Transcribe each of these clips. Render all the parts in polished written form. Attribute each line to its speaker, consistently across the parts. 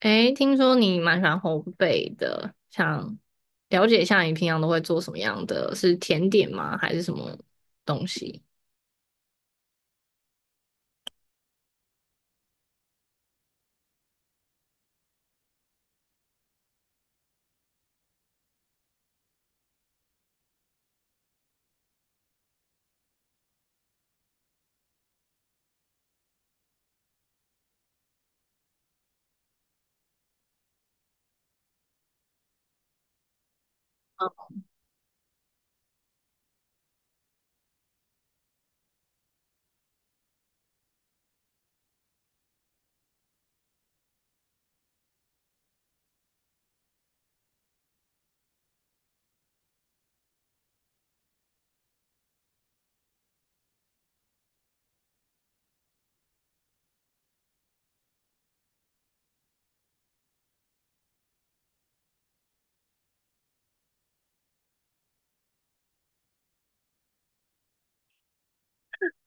Speaker 1: 诶，听说你蛮喜欢烘焙的，想了解一下你平常都会做什么样的？是甜点吗？还是什么东西？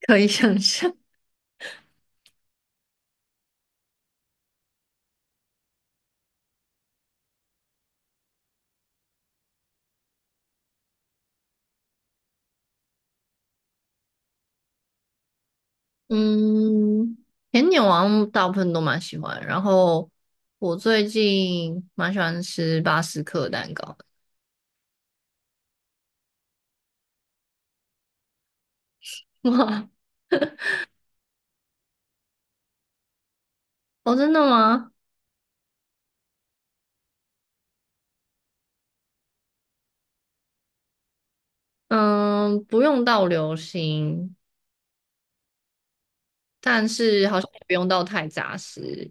Speaker 1: 可以想象。嗯，甜点我好像大部分都蛮喜欢，然后我最近蛮喜欢吃巴斯克蛋糕的。 哇，哦，真的吗？嗯，不用到流心，但是好像也不用到太扎实。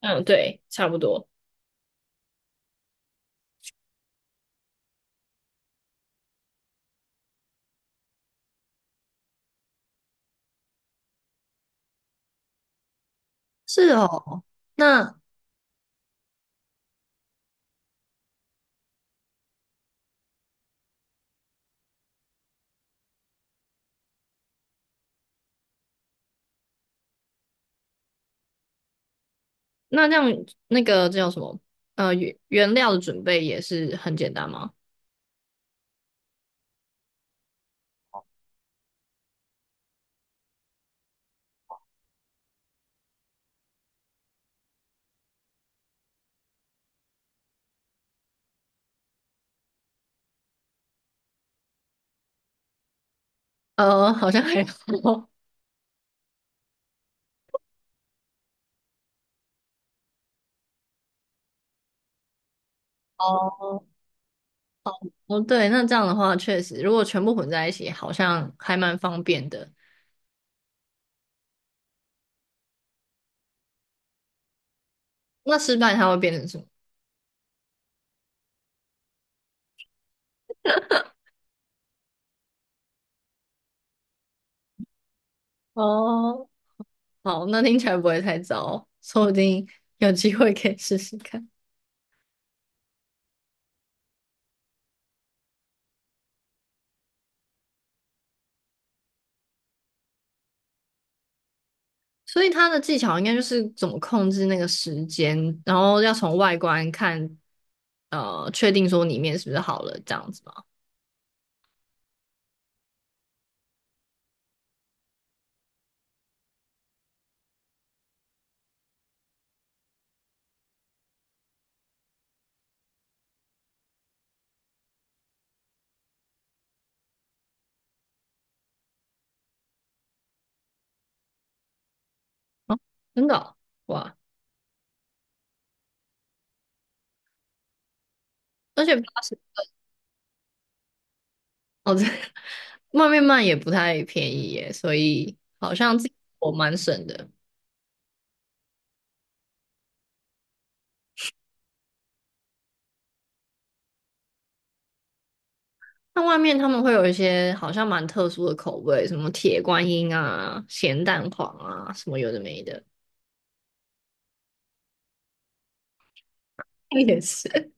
Speaker 1: 嗯，对，差不多。是哦。那那这样那个叫什么？原料的准备也是很简单吗？呃，好像还好。哦。哦，对，那这样的话，确实，如果全部混在一起，好像还蛮方便的。那失败它会变成什么？哦，好，那听起来不会太糟，说不定有机会可以试试看。所以它的技巧应该就是怎么控制那个时间，然后要从外观看，确定说里面是不是好了，这样子吗？真的哦，哇！而且八。哦，这 外面卖也不太便宜耶，所以好像自己我蛮省的。那外面他们会有一些好像蛮特殊的口味，什么铁观音啊、咸蛋黄啊，什么有的没的。也是。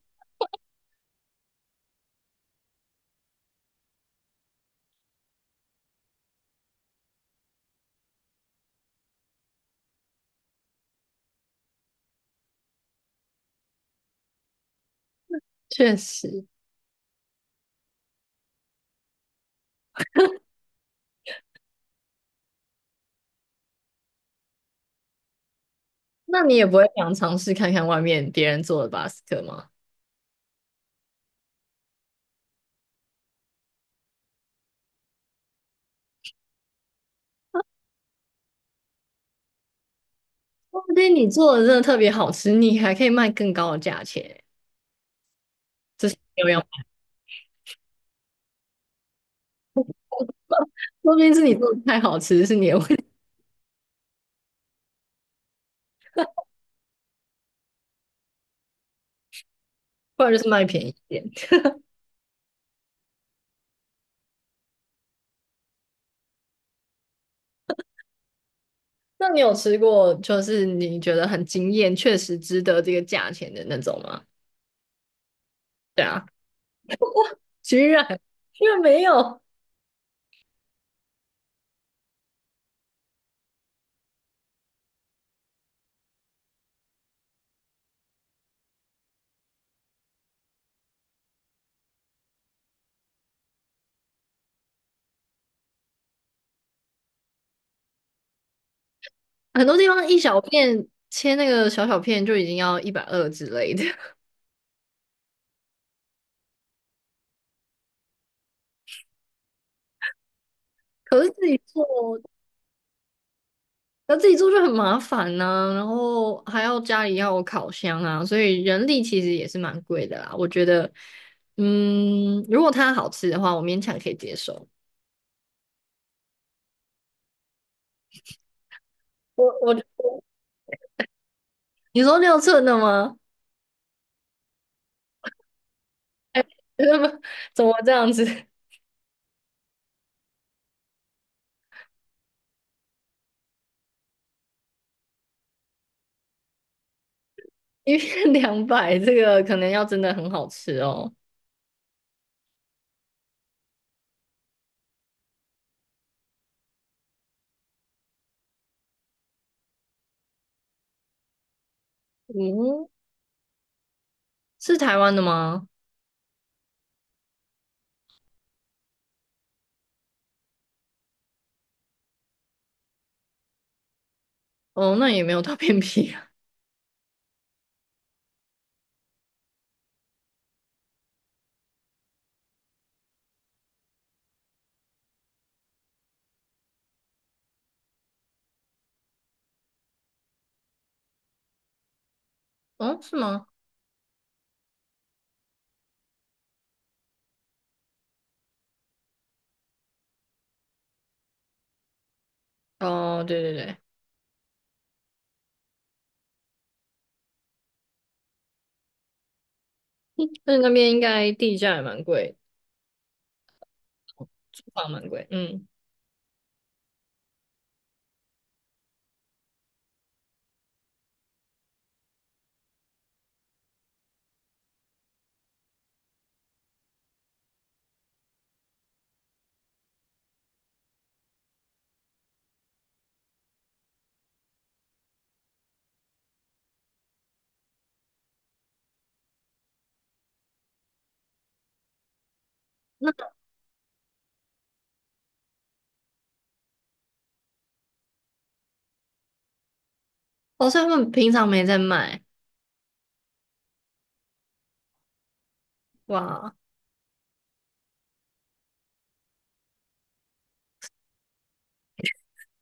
Speaker 1: 确实。 那你也不会想尝试看看外面别人做的巴斯克吗？说不定你做的真的特别好吃，你还可以卖更高的价钱。这是没有要卖。说不定是你做的太好吃，是你的问题，不然就是卖便宜。点。那你有吃过就是你觉得很惊艳，确实值得这个价钱的那种吗？对啊，居然，居然没有。很多地方一小片切那个小小片就已经要120之类的，可是自己做，那自己做就很麻烦呐、然后还要家里要有烤箱啊，所以人力其实也是蛮贵的啦。我觉得，嗯，如果它好吃的话，我勉强可以接受。我我，你说6寸的吗？么怎么这样子？一片200，这个可能要真的很好吃哦。嗯，是台湾的吗？哦，那也没有到 偏僻啊。哦，是吗？哦，对对对。那那边应该地价也蛮贵，租房蛮贵。嗯。那好像他们平常没在卖。哇，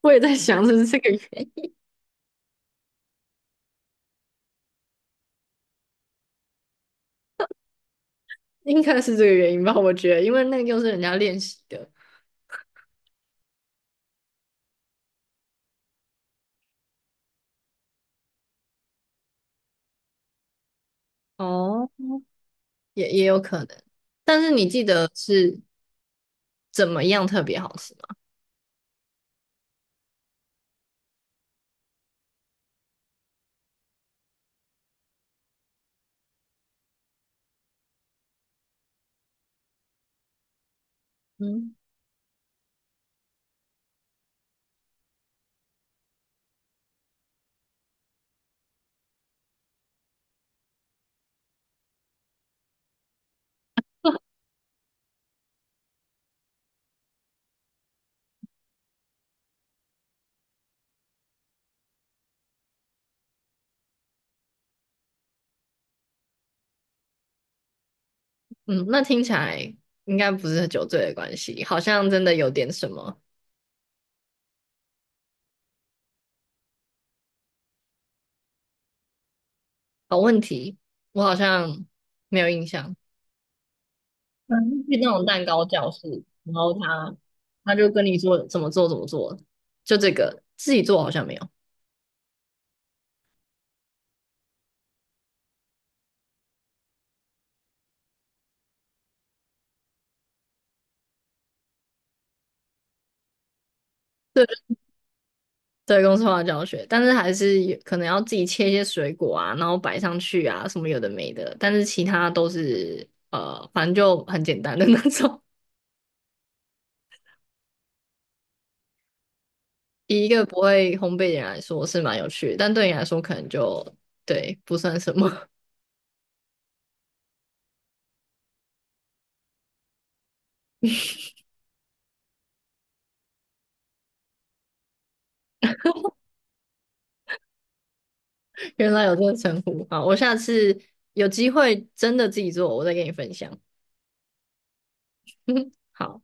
Speaker 1: 我也在想是不是这个原 因，应该是这个原因吧？我觉得，因为那个又是人家练习的。哦，也也有可能。但是你记得是怎么样特别好吃吗？嗯。嗯，那听起来应该不是酒醉的关系，好像真的有点什么。好问题，我好像没有印象。嗯，去那种蛋糕教室，然后他就跟你说怎么做怎么做，就这个自己做好像没有。对，对，公司化教学，但是还是有可能要自己切一些水果啊，然后摆上去啊，什么有的没的，但是其他都是反正就很简单的那种。以一个不会烘焙的人来说是蛮有趣的，但对你来说可能就对不算什么。原来有这个称呼，好，我下次有机会真的自己做，我再跟你分享。好。